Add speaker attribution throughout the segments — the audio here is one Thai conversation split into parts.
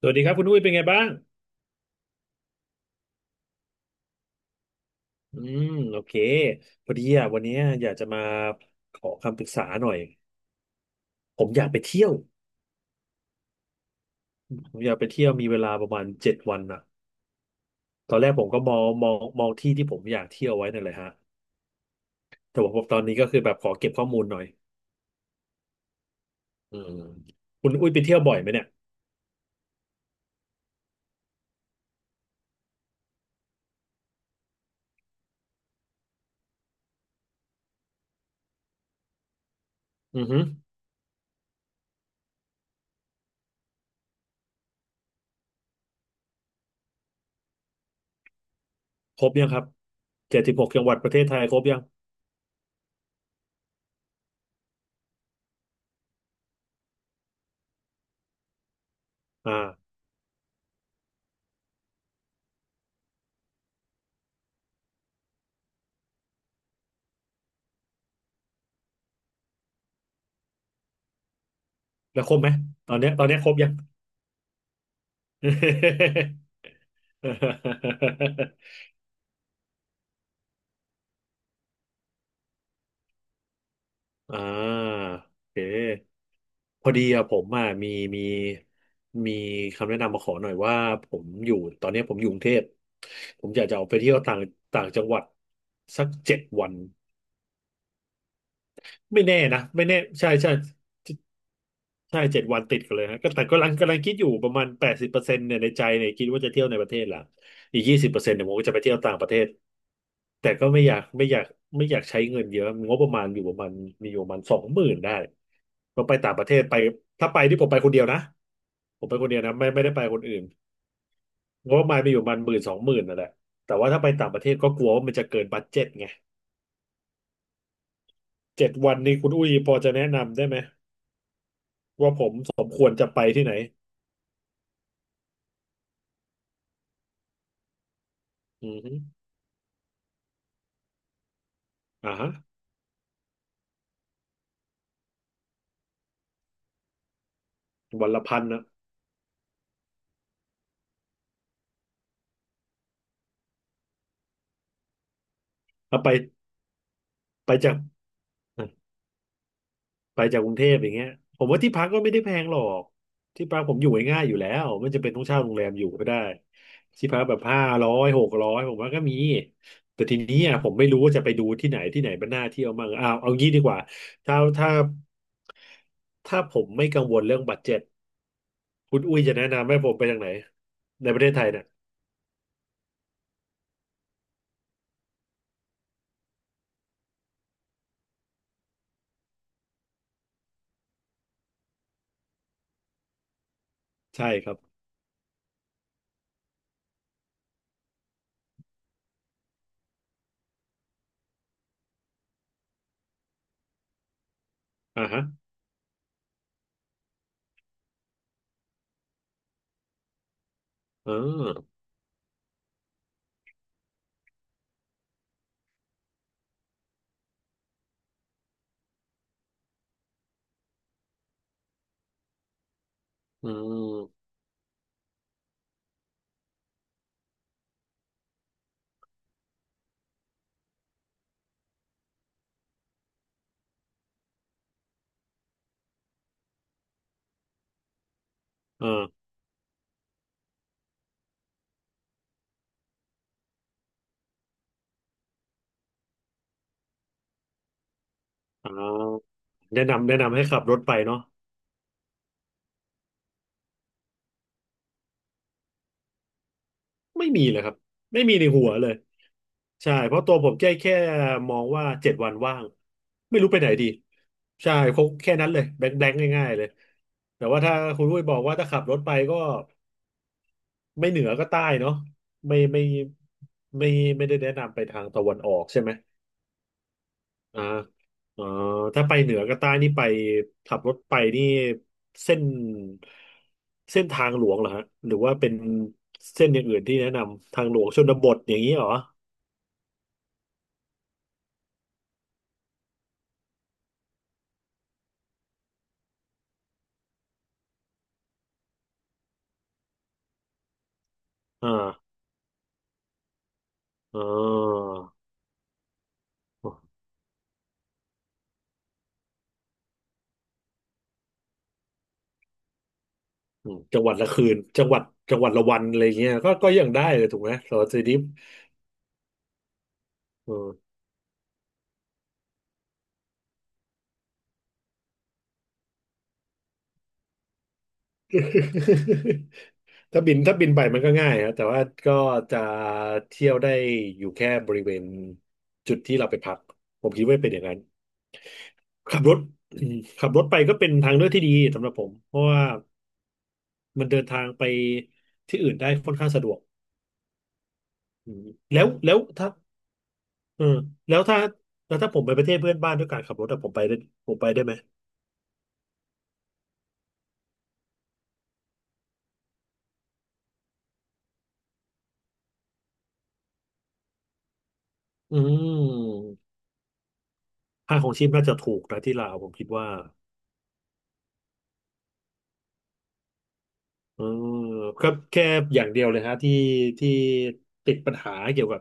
Speaker 1: สวัสดีครับคุณอุ้ยเป็นไงบ้างอืมโอเคพอดีอ่ะวันนี้อยากจะมาขอคำปรึกษาหน่อยผมอยากไปเที่ยวผมอยากไปเที่ยวมีเวลาประมาณเจ็ดวันอ่ะตอนแรกผมก็มองมองที่ที่ผมอยากเที่ยวไว้นั่นแหละฮะแต่ว่าตอนนี้ก็คือแบบขอเก็บข้อมูลหน่อยอืมคุณอุ้ยไปเที่ยวบ่อยไหมเนี่ยอือฮึครบยังครับ76จังหวัดประเทศไทยครบยังอ่าแล้วครบไหมตอนเนี้ยครบยัง อ่าโอเคพอดีอะผมอะมีมีคำแนะนำมาขอหน่อยว่าผมอยู่ตอนนี้ผมอยู่กรุงเทพผมอยากจะออกไปเที่ยวต่างต่างจังหวัดสักเจ็ดวันไม่แน่ใช่ใช่ ใช่7 วันติดกันเลยฮะก็แต่ก็กำลังคิดอยู่ประมาณ80%เนี่ยในใจเนี่ยคิดว่าจะเที่ยวในประเทศละอีก20%เนี่ยผมก็จะไปเที่ยวต่างประเทศ แต่ก็ไม่อยากไม่อยากไม่อยากใช้เงินเยอะงบประมาณอยู่ประมาณมีอยู่ประมาณสองหมื่นได้ก็ไปต่างประเทศไปถ้าไปที่ผมไปคนเดียวนะผมไปคนเดียวนะไม่ได้ไปคนอื่นงบประมาณมีอยู่ประมาณหมื่นสองหมื่นนั่นแหละแต่ว่าถ้าไปต่างประเทศก็กลัวว่ามันจะเกินบัดเจ็ตไงเจ็ดวันนี้คุณอุ้ยพอจะแนะนำได้ไหมว่าผมสมควรจะไปที่ไหนอือฮึอ่าฮะ วันละพันนะเอาไปไปจากไปจากกรุงเทพอย่างเงี้ยผมว่าที่พักก็ไม่ได้แพงหรอกที่พักผมอยู่ง่ายๆอยู่แล้วไม่จำเป็นต้องเช่าโรงแรมอยู่ก็ได้ที่พักแบบห้าร้อยหกร้อยผมว่าก็มีแต่ทีนี้อ่ะผมไม่รู้ว่าจะไปดูที่ไหนที่ไหนมันน่าเที่ยวมั่งอ้าวเอางี้ดีกว่าถ้าถ้าถ้าผมไม่กังวลเรื่องบัดเจ็ตคุณอุ้ยจะแนะนำให้ผมไปทางไหนในประเทศไทยเนี่ยใช่ครับอ่าฮะอ่าอืมอ่า อ๋อแนะนำให้ขับรถไปเนาะไม่มีเลยครับไม่มีในหัวเลยใช่เพราะตัวผมแค่มองว่าเจ็ดวันว่างไม่รู้ไปไหนดีใช่คงแค่นั้นเลยแบงค์แบงค์ง่ายๆเลยแต่ว่าถ้าคุณลุยบอกว่าถ้าขับรถไปก็ไม่เหนือก็ใต้เนาะไม่ไม่ไม่ไม่ได้แนะนำไปทางตะวันออกใช่ไหม อ่าเอ๋อถ้าไปเหนือกับใต้นี่ไปขับรถไปนี่เส้นเส้นทางหลวงเหรอฮะหรือว่าเป็นเส้นอย่างอื่นที่แนะนำทางหลวงชนบทอย่างนี้เหรออ่าเอ๋ออืมจังหวัดละคืนจังหวัดละวันอะไรเงี้ยก็ยังได้เลยถูกไหมสำหรับซีดิฟเออ ถ้าบินไปมันก็ง่ายครับแต่ว่าก็จะเที่ยวได้อยู่แค่บริเวณจุดที่เราไปพักผมคิดว่าเป็นอย่างนั้น ขับรถอืมขับรถไปก็เป็นทางเลือกที่ดีสำหรับผมเพราะว่ามันเดินทางไปที่อื่นได้ค่อนข้างสะดวกอืมแล้วแล้วถ้าเออแล้วถ้าแล้วถ้าผมไปประเทศเพื่อนบ้านด้วยการขับรถอะผมไปได้ไหมอืมค่าของชีพน่าจะถูกนะที่ลาวผมคิดว่าเออครับแค่อย่างเดียวเลยฮะที่ติดปัญหาเกี่ยวกับ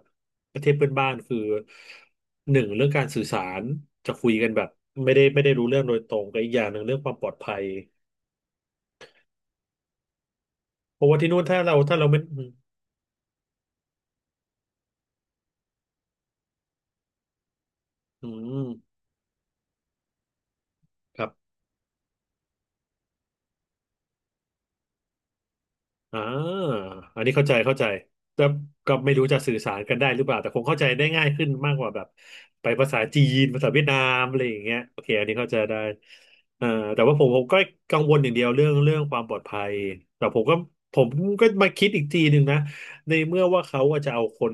Speaker 1: ประเทศเพื่อนบ้านคือหนึ่งเรื่องการสื่อสารจะคุยกันแบบไม่ได้รู้เรื่องโดยตรงกับอีกอย่างหนึ่งเรื่องความปลอดภัย เพราะว่าที่นู่นถ้าเราไม่อืมอืมครับ อ่าอันนี้เข้าใจเข้าใจแต่ก็ไม่รู้จะสื่อสารกันได้หรือเปล่าแต่คงเข้าใจได้ง่ายขึ้นมากกว่าแบบไปภาษาจีนภาษาเวียดนามอะไรอย่างเงี้ยโอเคอันนี้เข้าใจได้เอ่อแต่ว่าผมก็กังวลอย่างเดียวเรื่องความปลอดภัยแต่ผมก็มาคิดอีกทีหนึ่งนะในเมื่อว่าเขาว่าจะเอาคน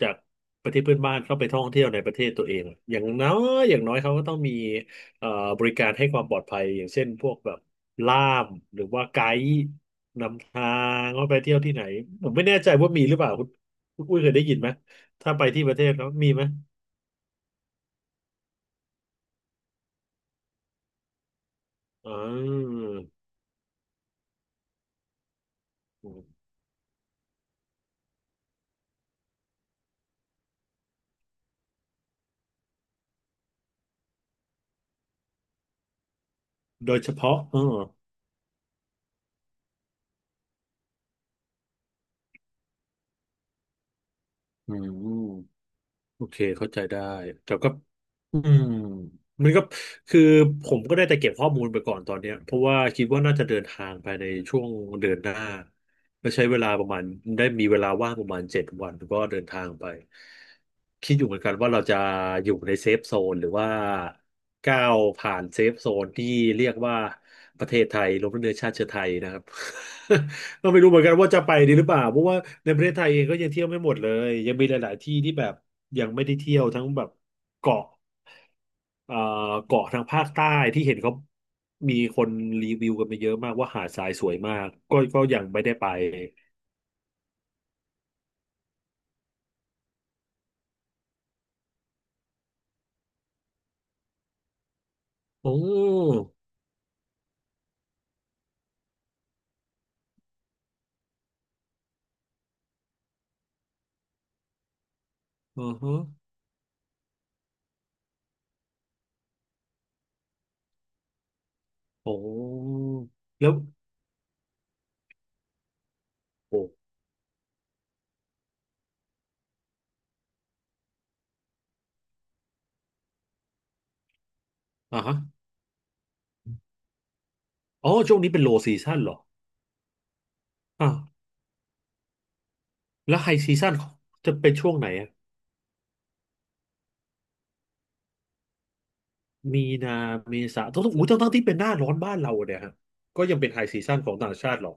Speaker 1: จากประเทศเพื่อนบ้านเข้าไปท่องเที่ยวในประเทศตัวเองอย่างน้ออย่างน้อยเขาก็ต้องมีเอ่อบริการให้ความปลอดภัยอย่างเช่นพวกแบบล่ามหรือว่าไกด์ นำทางว่าไปเที่ยวที่ไหนผมไม่แน่ใจว่ามีหรือเปล่าคุณอุ้ยเคยได้ยินไหมถ้าไปที่ประเทศแล้วมีไหมอ๋อโดยเฉพาะอ๋ออืมโอเคเข้าใจได้แต่ก็อืมมันก็คือผมก็ได้แต่เก็บข้อมูลไปก่อนตอนเนี้ยเพราะว่าคิดว่าน่าจะเดินทางไปในช่วงเดือนหน้า ก็ใช้เวลาประมาณได้มีเวลาว่างประมาณเจ็ดวันก็เดินทางไปคิดอยู่เหมือนกันว่าเราจะอยู่ในเซฟโซนหรือว่าก้าวผ่านเซฟโซนที่เรียกว่าประเทศไทยรวมทั้งเนื้อชาติเชื้อไทยนะครับ ก็ไม่รู้เหมือนกันว่าจะไปดีหรือเปล่าเพราะว่าในประเทศไทยเองก็ยังเที่ยวไม่หมดเลยยังมีหลายๆที่ที่แบบยังไม่ได้เที่ยวทั้งแบบเกาะ เอ่อเกาะทางภาคใต้ที่เห็นเขา มีคนรีวิวกันมาเยอะมากว่าหาดทรายสวยมากก็ยังไม่ได้ไปโอ้อือฮะโอ้แล้วโอ้อ่าฮะอ๋อช่วงนี้เป็นโลซีซั่นเหรออ่าวแล้วไฮซีซั่นจะเป็นช่วงไหนอะมีนาเมษาต้องอู้ทั้งที่เป็นหน้าร้อนบ้านเราเนี่ยฮะก็ยังเป็นไฮซีซั่นของต่างชาติเหรอ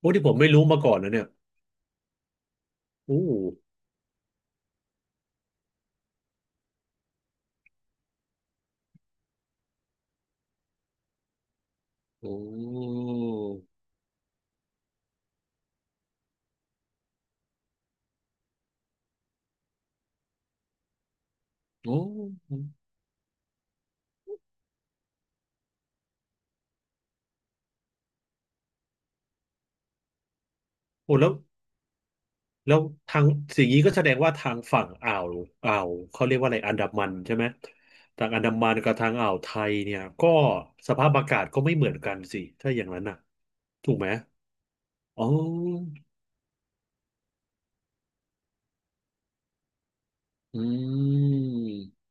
Speaker 1: โอ้ที่ผมไม่รู้มาก่อนนะเนี่ยโอ้โอ้โอ้โหโอ้โหแล้ว แล้วทางสิ่งนี้ก็แสดงว่าทางฝั่งอ่าวเขาเรียกว่าอะไรอันดามันใช่ไหมทางอันดามันกับทางอ่าวไทยเนี่ยก็สภาพอากาศก็ไม่เหมือนกันสิถ้าอย่างนั้นน่ะถูกไหมอ๋ออืม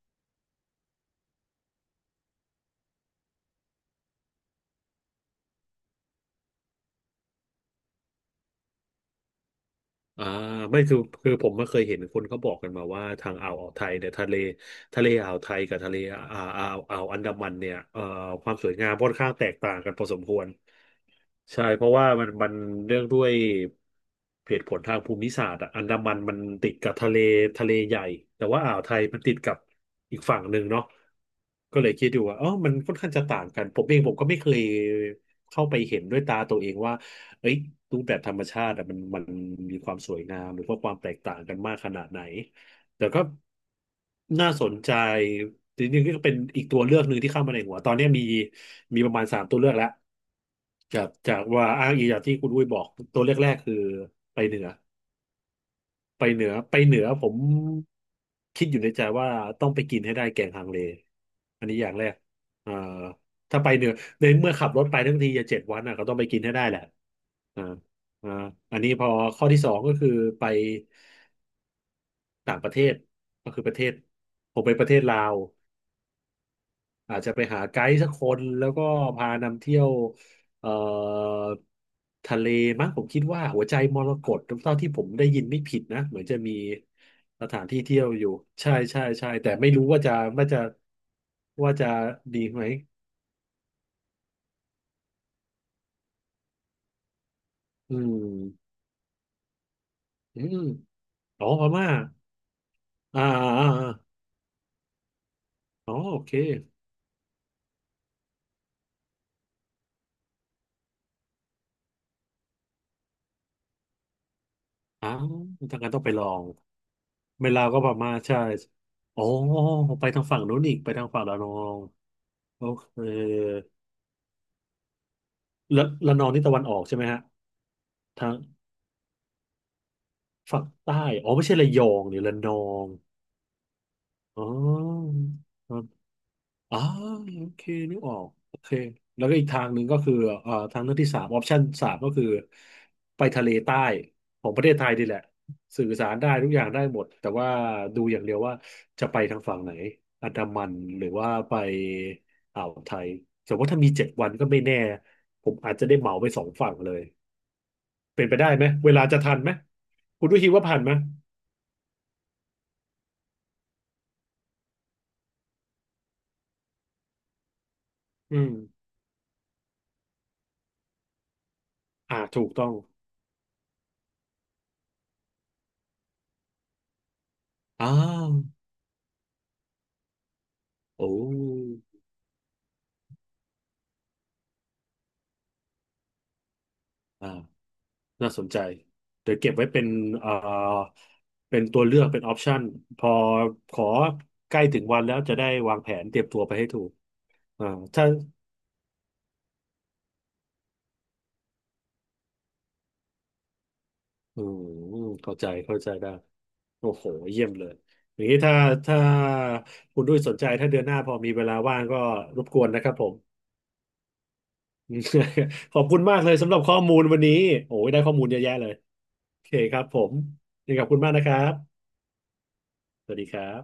Speaker 1: อ่าไม่คือผมไม่เคยเห็นคนเขาบอกกันมาว่าทางอ่าวไทยเนี่ยทะเลอ่าวไทยกับทะเลอ่าวอันดามันเนี่ยความสวยงามค่อนข้างแตกต่างกันพอสมควร ใช่เพราะว่ามันเรื่องด้วยเหตุผลทางภูมิศาสตร์อะอันดามันมันติดกับทะเลใหญ่แต่ว่าอ่าวไทยมันติดกับอีกฝั่งหนึ่งเนาะก็เลยคิดอยู่ว่าอ๋อมันค่อนข้างจะต่างกันผมเองก็ไม่เคยเข้าไปเห็นด้วยตาตัวเองว่าเอ้ยรูปแบบธรรมชาติอะมันมีความสวยงามหรือว่าความแตกต่างกันมากขนาดไหน แต่ก็น่าสนใจจริงๆก็เป็นอีกตัวเลือกหนึ่งที่เข้ามาในหัวตอนนี้มีประมาณ3 ตัวเลือกแล้วจากว่าอ้างอิงจากที่คุณอุ้ยบอกตัวเลือกแรกคือไปเหนือไปเหนือผมคิดอยู่ในใจว่าต้องไปกินให้ได้แกงฮังเลอันนี้อย่างแรกอ่าถ้าไปเหนือในเมื่อขับรถไปทั้งทีจะเจ็ดวันอ่ะก็ต้องไปกินให้ได้แหละอ่าอ่าอันนี้พอข้อที่สองก็คือไป ต่างประเทศก็คือประเทศผมไปประเทศลาวอาจจะไปหาไกด์สักคนแล้วก็พานำเที่ยวเอ่อทะเลมั้งผมคิดว่าหัวใจมรกตเท่าที่ผมได้ยินไม่ผิดนะเหมือนจะมีสถานที่เที่ยวอยู่ใช่ใช่ใช่แต่ไม่รู้ว่าจะว่าจะดีไหมอืมอืมอ๋อพม่าอ่าอ่าอาอ๋อโอเคอ้าวทางการต้องไปลอง เวลาวก็พม่าใช่ อ๋อ ไปทางฝั่งนู้นอีก ไปทางฝั่งระนอง โอเคระนองนี่ตะวันออกใช่ไหมฮะทางฝั่งใต้ อ๋อ ไม่ใช่ระยองนี่ระนองอ๋อ อ่าโอเคนึกออกโอเคแล้วก็อีกทางหนึ่งก็คือทางเลือกที่สามออปชันสามก็คือไปทะเลใต้ของประเทศไทยนี่แหละสื่อสารได้ทุกอย่างได้หมดแต่ว่าดูอย่างเดียวว่าจะไปทางฝั่งไหนอันดามันหรือว่าไปอ่าวไทยแต่ว่าถ้ามีเจ็ดวันก็ไม่แน่ผมอาจจะได้เหมาไป2 ฝั่งเลยเป็นไปได้ไหมเวลาจะทันไหมคุณด้วยคิดว่าผ่านไหมอืมอ่าถูกต้องอ้าวโอ้อ่า น่าสนใจ เดี๋ยวเก็บไว้เป็นเอ่อเป็นตัวเลือกเป็นออปชันพอขอใกล้ถึงวันแล้วจะได้วางแผนเตรียมตัวไปให้ถูกอ่าถ้าอืมเข้าใจเข้าใจได้ โอ้โห เยี่ยมเลย อย่างนี้ถ้าถ้าคุณด้วยสนใจถ้าเดือนหน้าพอมีเวลาว่างก็รบกวนนะครับผม ขอบคุณมากเลยสำหรับข้อมูลวันนี้โอ้ยได้ข้อมูลเยอะแยะเลย โอเคครับผม ยังไงขอบคุณมากนะครับสวัสดีครับ